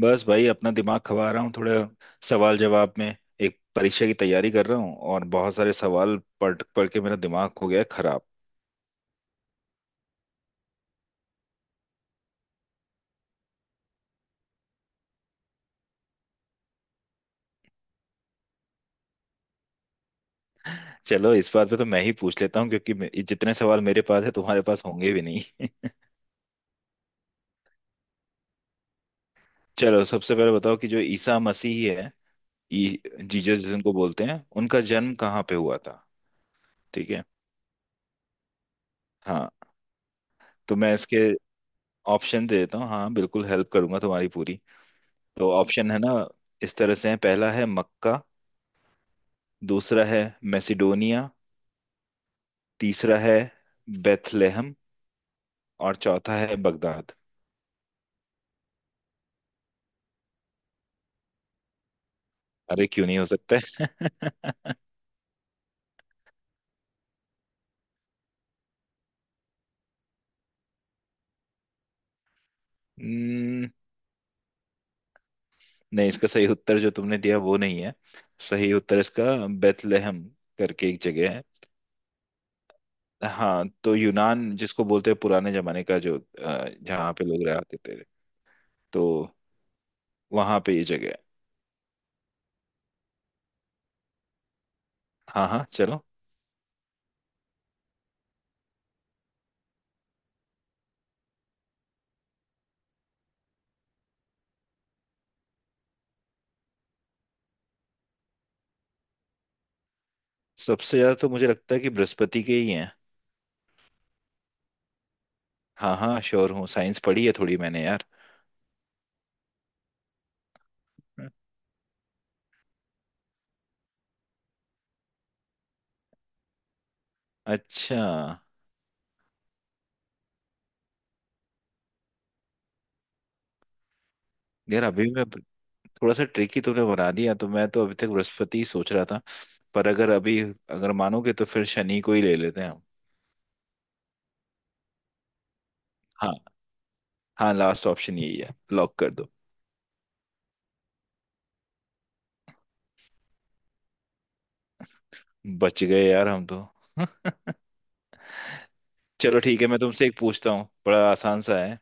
बस भाई अपना दिमाग खवा रहा हूँ थोड़ा, सवाल जवाब में। एक परीक्षा की तैयारी कर रहा हूँ और बहुत सारे सवाल पढ़ पढ़ के मेरा दिमाग हो गया है खराब। चलो इस बात पे तो मैं ही पूछ लेता हूँ, क्योंकि जितने सवाल मेरे पास है तुम्हारे पास होंगे भी नहीं। चलो सबसे पहले बताओ कि जो ईसा मसीह है, ई जीसस जिनको बोलते हैं, उनका जन्म कहाँ पे हुआ था। ठीक है। हाँ, तो मैं इसके ऑप्शन दे देता हूँ, हाँ बिल्कुल हेल्प करूंगा तुम्हारी पूरी। तो ऑप्शन है ना, इस तरह से है। पहला है मक्का, दूसरा है मैसिडोनिया, तीसरा है बेथलेहम और चौथा है बगदाद। अरे क्यों नहीं हो सकता है? हम्म, नहीं, इसका सही उत्तर जो तुमने दिया वो नहीं है। सही उत्तर इसका बेथलेहम करके एक जगह है। हाँ, तो यूनान जिसको बोलते हैं पुराने जमाने का, जो जहाँ पे लोग रहते थे, तो वहां पे ये जगह है। हाँ हाँ, चलो। सबसे ज्यादा तो मुझे लगता है कि बृहस्पति के ही हैं। हाँ हाँ, श्योर हूँ, साइंस पढ़ी है थोड़ी मैंने यार। अच्छा। यार अभी मैं, थोड़ा सा ट्रिकी तुमने बना दिया, तो मैं तो अभी तक बृहस्पति ही सोच रहा था। पर अगर अभी, अगर मानोगे तो फिर शनि को ही ले लेते हैं हम। हाँ। हाँ, लास्ट ऑप्शन यही है, लॉक कर दो। बच गए यार हम तो। चलो ठीक है, मैं तुमसे एक पूछता हूँ, बड़ा आसान सा है।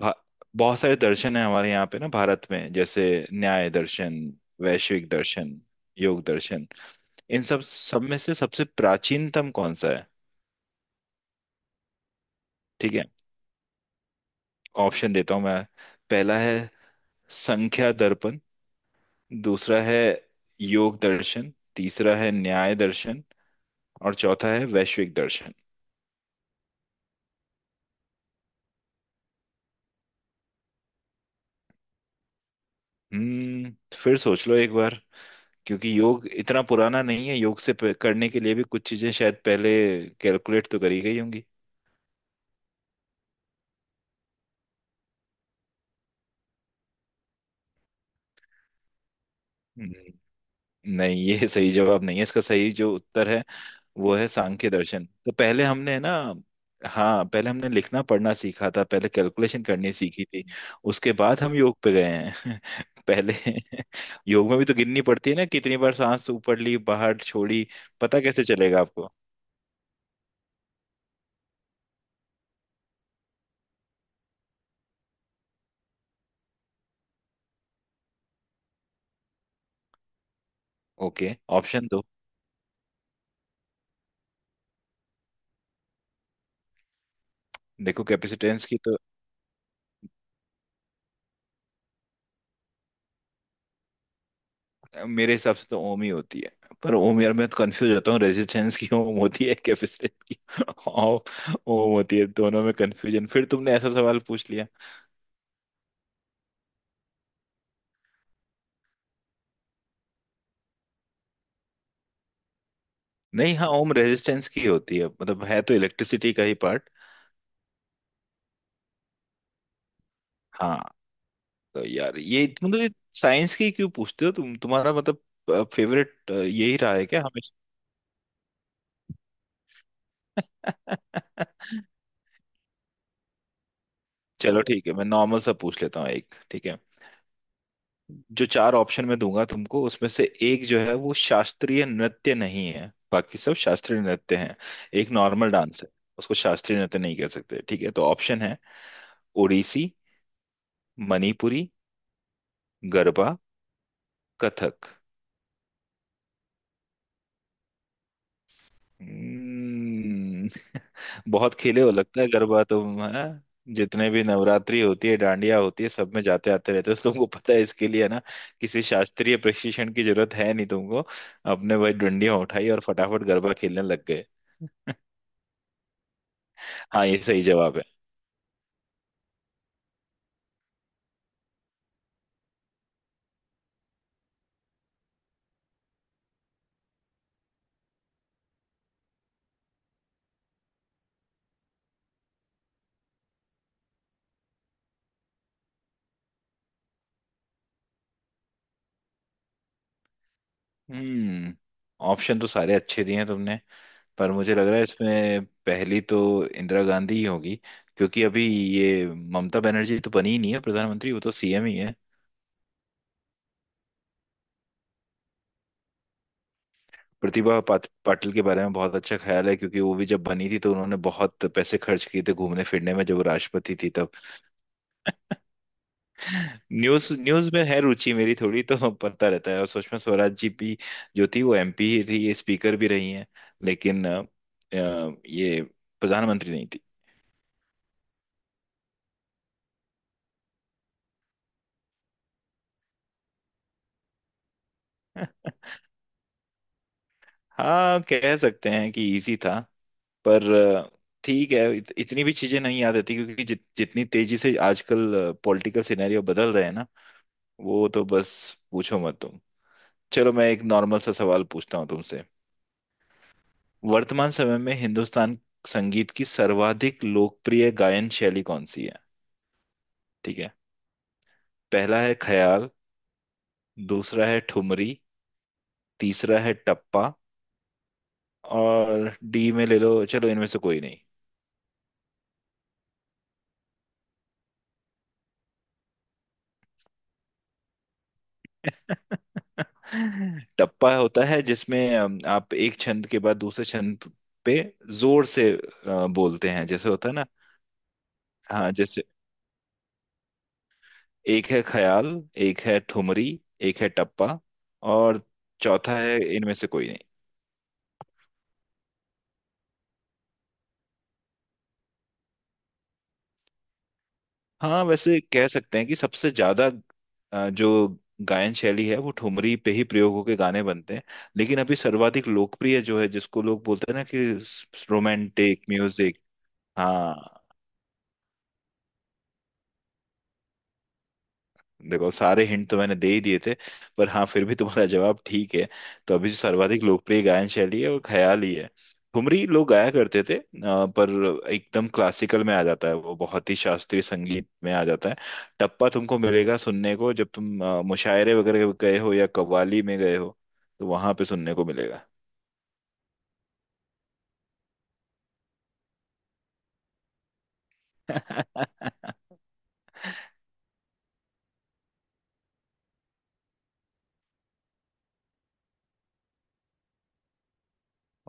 भा- बहुत सारे दर्शन है हमारे यहाँ पे ना भारत में, जैसे न्याय दर्शन, वैश्विक दर्शन, योग दर्शन। इन सब सब में से सबसे प्राचीनतम कौन सा है? ठीक है, ऑप्शन देता हूँ मैं। पहला है संख्या दर्पण, दूसरा है योग दर्शन, तीसरा है न्याय दर्शन और चौथा है वैश्विक दर्शन। हम्म फिर सोच लो एक बार, क्योंकि योग इतना पुराना नहीं है। योग से करने के लिए भी कुछ चीजें शायद पहले कैलकुलेट तो करी गई होंगी। हम्म। नहीं, ये सही जवाब नहीं है। इसका सही जो उत्तर है वो है सांख्य दर्शन। तो पहले हमने ना, हाँ पहले हमने लिखना पढ़ना सीखा था, पहले कैलकुलेशन करनी सीखी थी। उसके बाद हम योग पे गए हैं। पहले योग में भी तो गिननी पड़ती है ना, कितनी बार सांस ऊपर ली, बाहर छोड़ी। पता कैसे चलेगा आपको? ओके, ऑप्शन दो। देखो, कैपेसिटेंस की तो, मेरे हिसाब से तो ओम ही होती है। पर ओम, यार मैं तो कंफ्यूज होता हूँ, रेजिस्टेंस की ओम होती है, कैपेसिटेंस की ओम। ओम होती है दोनों में कंफ्यूजन, फिर तुमने ऐसा सवाल पूछ लिया। नहीं, हाँ ओम रेजिस्टेंस की होती है, मतलब है तो इलेक्ट्रिसिटी का ही पार्ट। हाँ, तो यार ये मतलब ये साइंस की क्यों पूछते हो तुम, तुम्हारा मतलब फेवरेट यही रहा है क्या हमेशा? चलो ठीक है, मैं नॉर्मल सा पूछ लेता हूँ एक, ठीक है। जो चार ऑप्शन मैं दूंगा तुमको, उसमें से एक जो है वो शास्त्रीय नृत्य नहीं है, बाकी सब शास्त्रीय नृत्य हैं। एक नॉर्मल डांस है, उसको शास्त्रीय नृत्य नहीं कह सकते। ठीक है, तो ऑप्शन है ओडिसी, मणिपुरी, गरबा, कथक। हम्म, बहुत खेले हो लगता है गरबा तुम है। जितने भी नवरात्रि होती है, डांडिया होती है, सब में जाते आते रहते हो, तो तुमको पता है इसके लिए, है ना? किसी शास्त्रीय प्रशिक्षण की जरूरत है नहीं तुमको, अपने वही डंडियां उठाई और फटाफट गरबा खेलने लग गए। हाँ, ये सही जवाब है। हम्म ऑप्शन तो सारे अच्छे दिए हैं तुमने। पर मुझे लग रहा है, इसमें पहली तो इंदिरा गांधी ही होगी, क्योंकि अभी ये ममता बनर्जी तो बनी ही नहीं है प्रधानमंत्री, वो तो सीएम ही है। प्रतिभा पाटिल के बारे में बहुत अच्छा ख्याल है, क्योंकि वो भी जब बनी थी तो उन्होंने बहुत पैसे खर्च किए थे घूमने फिरने में, जब वो राष्ट्रपति थी तब। न्यूज न्यूज में है रुचि मेरी थोड़ी, तो पता रहता है। और सुषमा स्वराज जी भी जो थी, वो एमपी ही थी, ये स्पीकर भी रही हैं, लेकिन ये प्रधानमंत्री नहीं। हाँ, कह सकते हैं कि इजी था, पर ठीक है, इतनी भी चीजें नहीं याद रहती, क्योंकि जितनी तेजी से आजकल पॉलिटिकल सिनेरियो बदल रहे हैं ना। वो तो बस पूछो मत तुम। चलो मैं एक नॉर्मल सा सवाल पूछता हूँ तुमसे। वर्तमान समय में हिंदुस्तान संगीत की सर्वाधिक लोकप्रिय गायन शैली कौन सी है? ठीक है। पहला है ख्याल, दूसरा है ठुमरी, तीसरा है टप्पा, और डी में ले लो चलो, इनमें से कोई नहीं। टप्पा होता है जिसमें आप एक छंद के बाद दूसरे छंद पे जोर से बोलते हैं, जैसे होता है ना। हाँ जैसे, एक है ख्याल, एक है ठुमरी, एक है टप्पा और चौथा है इनमें से कोई नहीं। हाँ वैसे कह सकते हैं कि सबसे ज्यादा जो गायन शैली है वो ठुमरी पे ही प्रयोग होके गाने बनते हैं। लेकिन अभी सर्वाधिक लोकप्रिय जो है, जिसको लोग बोलते हैं ना कि रोमांटिक म्यूजिक। हाँ। देखो, सारे हिंट तो मैंने दे ही दिए थे, पर हाँ फिर भी तुम्हारा जवाब ठीक है। तो अभी जो सर्वाधिक लोकप्रिय गायन शैली है वो ख्याली है। ठुमरी लोग गाया करते थे, पर एकदम क्लासिकल में आ जाता है वो, बहुत ही शास्त्रीय संगीत में आ जाता है। टप्पा तुमको मिलेगा सुनने को जब तुम मुशायरे वगैरह गए हो या कव्वाली में गए हो, तो वहां पे सुनने को मिलेगा।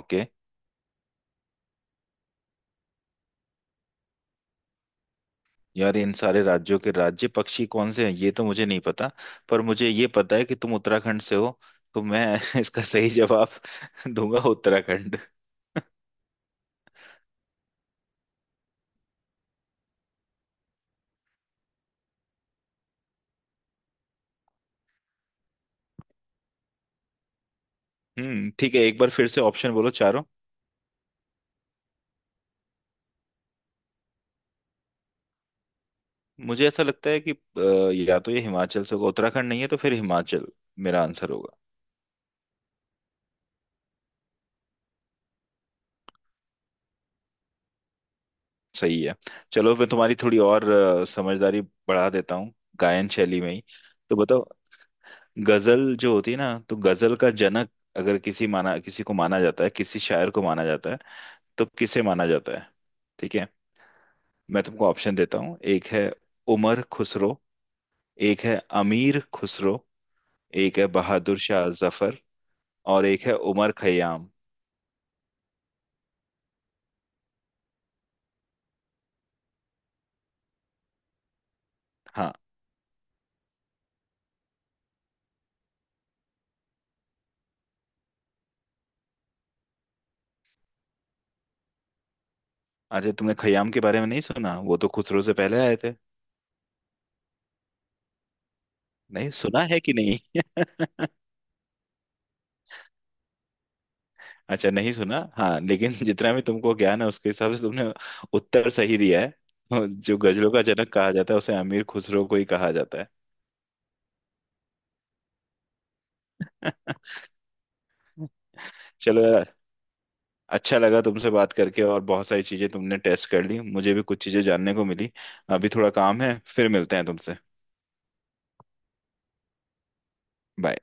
ओके। यार इन सारे राज्यों के राज्य पक्षी कौन से हैं, ये तो मुझे नहीं पता, पर मुझे ये पता है कि तुम उत्तराखंड से हो, तो मैं इसका सही जवाब दूंगा उत्तराखंड। ठीक है, एक बार फिर से ऑप्शन बोलो चारों। मुझे ऐसा लगता है कि या तो ये हिमाचल से होगा, उत्तराखंड नहीं है तो फिर हिमाचल मेरा आंसर होगा। सही है। चलो, मैं तुम्हारी थोड़ी और समझदारी बढ़ा देता हूँ गायन शैली में ही। तो बताओ, गजल जो होती है ना, तो गजल का जनक अगर किसी माना, किसी को माना जाता है, किसी शायर को माना जाता है, तो किसे माना जाता है? ठीक है, मैं तुमको ऑप्शन देता हूँ। एक है उमर खुसरो, एक है अमीर खुसरो, एक है बहादुर शाह जफर और एक है उमर खयाम। हाँ, अरे तुमने खयाम के बारे में नहीं सुना, वो तो खुसरो से पहले आए थे। नहीं, सुना है कि नहीं? अच्छा, नहीं सुना, हाँ। लेकिन जितना भी तुमको ज्ञान है उसके हिसाब से तुमने उत्तर सही दिया है। जो गजलों का जनक कहा जाता है उसे अमीर खुसरो को ही कहा जाता है। चलो, अच्छा लगा तुमसे बात करके, और बहुत सारी चीजें तुमने टेस्ट कर ली, मुझे भी कुछ चीजें जानने को मिली। अभी थोड़ा काम है, फिर मिलते हैं तुमसे। बाय।